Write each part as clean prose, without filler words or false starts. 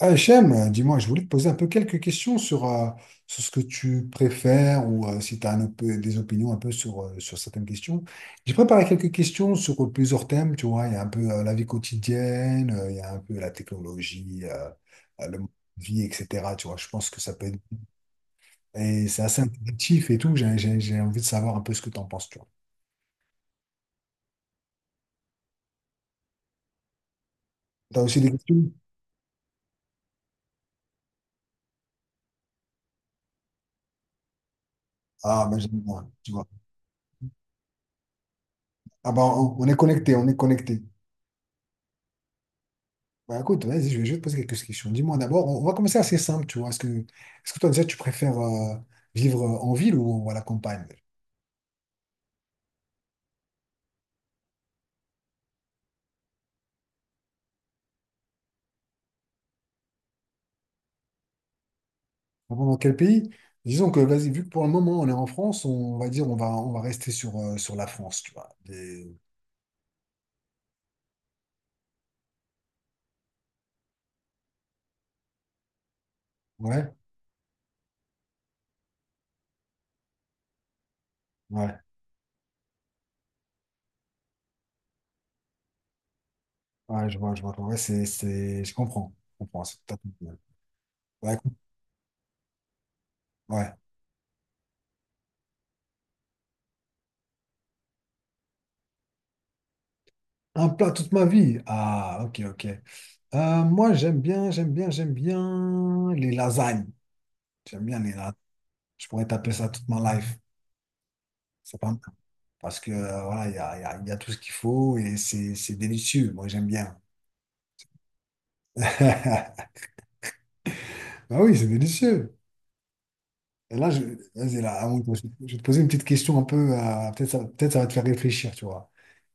Hachem, dis-moi, je voulais te poser un peu quelques questions sur, sur ce que tu préfères ou si tu as des opinions un peu sur, sur certaines questions. J'ai préparé quelques questions sur plusieurs thèmes, tu vois, il y a un peu la vie quotidienne, il y a un peu la technologie, le mode de vie, etc. Tu vois, je pense que ça peut être... Et c'est assez intuitif et tout, j'ai envie de savoir un peu ce que tu en penses, tu vois. Tu as aussi des questions? Ah, ben j'aime bien, tu vois. Ah ben, on est connecté, on est connecté. Bah écoute, vas-y, je vais juste poser quelques questions. Dis-moi d'abord, on va commencer assez simple, tu vois. Est-ce que toi déjà tu préfères vivre en ville ou à la campagne? Vraiment, dans quel pays? Disons que, vas-y, vu que pour le moment on est en France, on va dire on va rester sur, sur la France, tu vois. Ouais, ouais, ouais, je vois, je vois. Ouais, c'est... je comprends, c'est tout à fait normal. Ouais, écoute, ouais. Un plat toute ma vie. Ah, ok, ok. Moi, j'aime bien les lasagnes. J'aime bien les lasagnes. Je pourrais taper ça toute ma life. C'est pas mal. Parce que voilà, il y a tout ce qu'il faut et c'est délicieux. Moi, j'aime bien. Ah oui, c'est délicieux. Et là, je, vas-y, là, je vais te poser une petite question un peu, peut-être peut-être ça va te faire réfléchir, tu vois.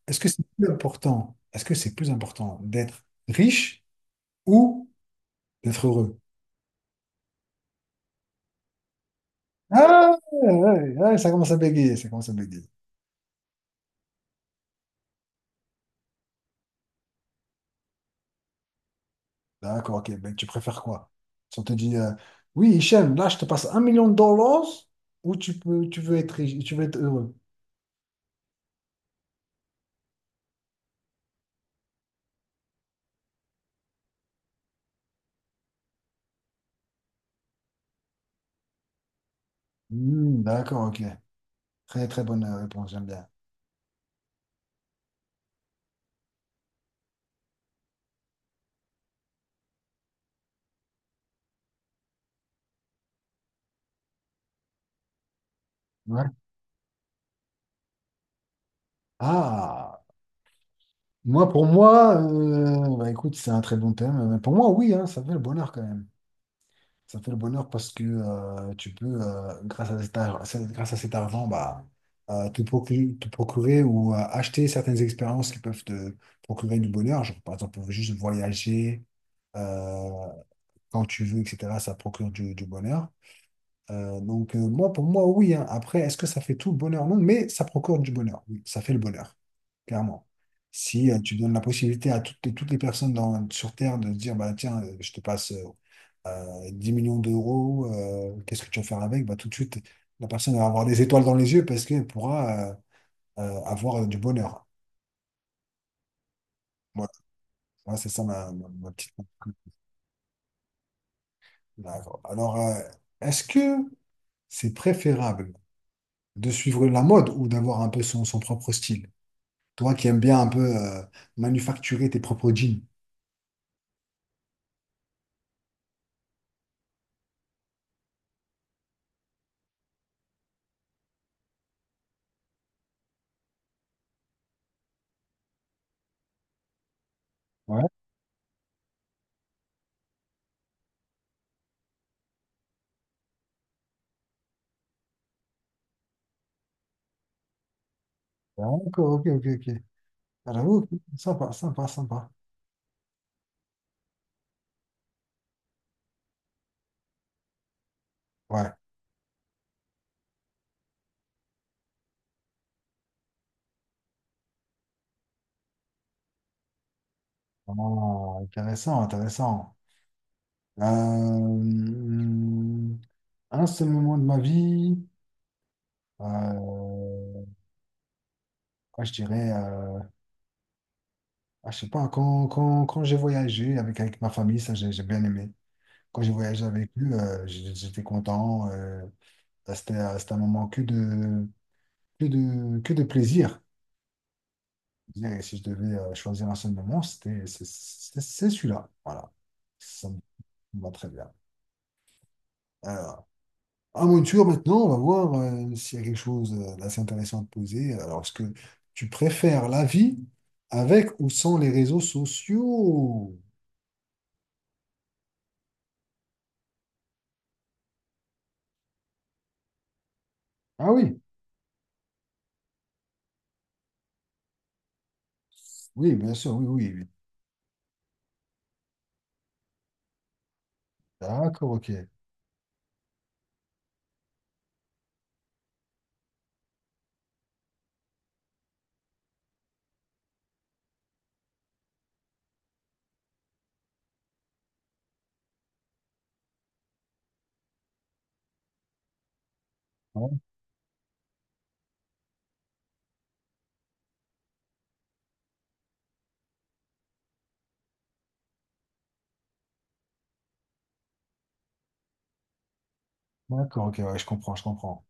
Est-ce que c'est plus important d'être riche ou d'être heureux? Ah, ouais, ça commence à bégayer, ça commence à bégayer. D'accord, ok, ben, tu préfères quoi? Si on te dit, oui, Hichem, là, je te passe un million de dollars ou tu veux être riche, tu veux être heureux? Hmm, d'accord, ok. Très, très bonne réponse, j'aime bien. Ouais. Ah, moi, pour moi, bah, écoute, c'est un très bon thème. Mais pour moi, oui, hein, ça fait le bonheur quand même. Ça fait le bonheur parce que tu peux, grâce à cet ar- c'est- grâce à cet argent, te procurer ou acheter certaines expériences qui peuvent te procurer du bonheur. Genre, par exemple, juste voyager euh, quand tu veux, etc. Ça procure du bonheur. Moi, pour moi, oui, hein. Après, est-ce que ça fait tout le bonheur? Non, mais ça procure du bonheur. Oui, ça fait le bonheur, clairement. Si tu donnes la possibilité à toutes les personnes sur Terre de se dire, bah, tiens, je te passe 10 millions d'euros, qu'est-ce que tu vas faire avec? Bah, tout de suite, la personne va avoir des étoiles dans les yeux parce qu'elle pourra avoir du bonheur. Voilà, moi, c'est ça ma petite. D'accord. Alors, est-ce que c'est préférable de suivre la mode ou d'avoir un peu son propre style? Toi qui aimes bien un peu manufacturer tes propres jeans. Ouais, d'accord, ok. Ah, j'avoue, ok, sympa. Ouais, vraiment intéressant, intéressant. Euh, hum, un seul moment de ma vie, euh, je dirais, je sais pas, quand j'ai voyagé avec, avec ma famille, ça j'ai bien aimé. Quand j'ai voyagé avec eux, j'étais content. C'était un moment que de plaisir. Disais, si je devais choisir un seul moment, c'est celui-là. Voilà. Ça me va très bien. Alors, à mon tour maintenant, on va voir s'il y a quelque chose d'assez intéressant à te poser. Alors, est-ce que tu préfères la vie avec ou sans les réseaux sociaux? Ah oui, oui, bien sûr, oui, oui, oui. D'accord, ok. Ouais, d'accord, ok, ouais, je comprends, je comprends.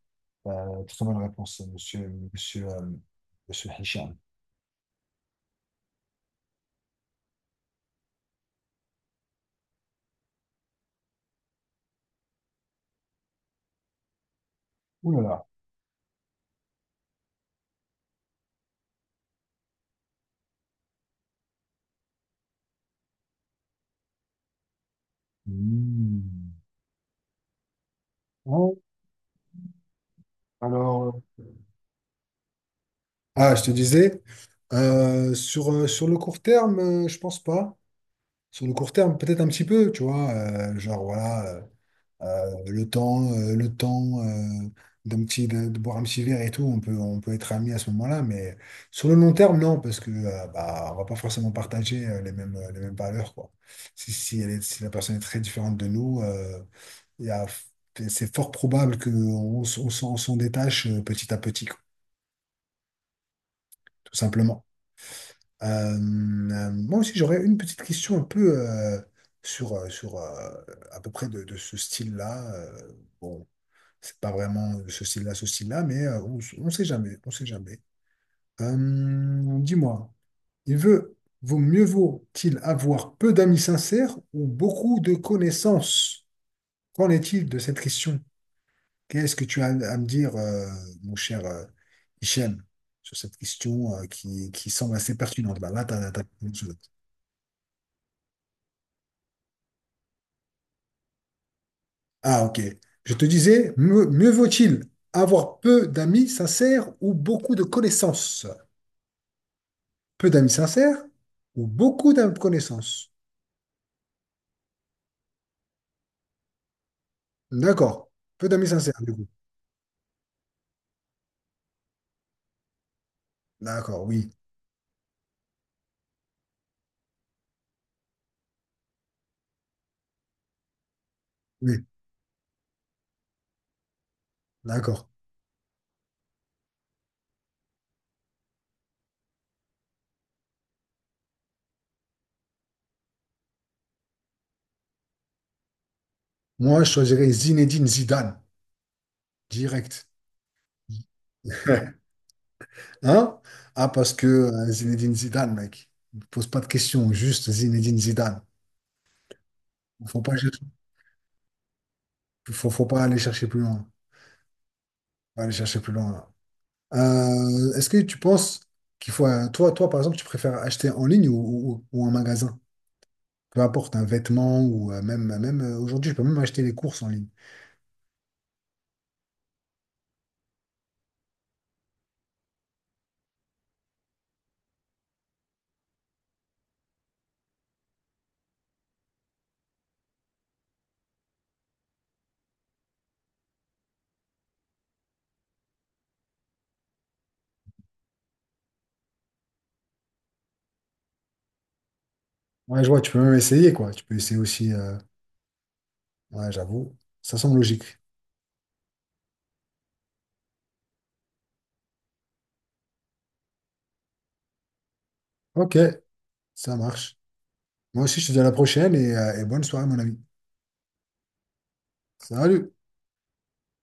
Très bonne réponse, monsieur, monsieur, euh, monsieur Hicham. Ouh là là. Hmm. Bon, alors, ah, je te disais, sur le court terme, je pense pas. Sur le court terme, peut-être un petit peu, tu vois, genre voilà, le temps d'un petit, de boire un petit verre et tout, on peut être amis à ce moment-là, mais sur le long terme, non, parce que bah, on va pas forcément partager les mêmes valeurs, quoi. Si la personne est très différente de nous, il y a- c'est fort probable qu'on on, s- on s'en détache petit à petit, quoi, tout simplement. Euh, moi aussi, j'aurais une petite question un peu sur à peu près de ce style-là. Bon, c'est pas vraiment ce style-là, mais on sait jamais, on sait jamais. Dis-moi, il veut, vaut mieux vaut-il avoir peu d'amis sincères ou beaucoup de connaissances? Qu'en est-il de cette question? Qu'est-ce que tu as à me dire, mon cher Hichem, sur cette question qui semble assez pertinente? Bah, là, ah, ok. Je te disais, mieux vaut-il avoir peu d'amis sincères ou beaucoup de connaissances? Peu d'amis sincères ou beaucoup de connaissances? D'accord. Peu d'amis sincères, du coup. D'accord, oui. Oui, d'accord. Moi, je choisirais Zinedine Zidane, direct. Hein? Ah, parce que Zinedine Zidane, mec. Ne pose pas de questions, juste Zinedine Zidane. Faut pas chercher- faut pas aller chercher plus loin. Faut pas aller chercher plus loin. Est-ce que tu penses qu'il faut, toi, toi, par exemple, tu préfères acheter en ligne ou en magasin? Peu importe, un vêtement ou même aujourd'hui, je peux même acheter les courses en ligne. Ouais, je vois, tu peux même essayer, quoi. Tu peux essayer aussi. Ouais, j'avoue, ça semble logique. Ok, ça marche. Moi aussi, je te dis à la prochaine et bonne soirée, mon ami. Salut!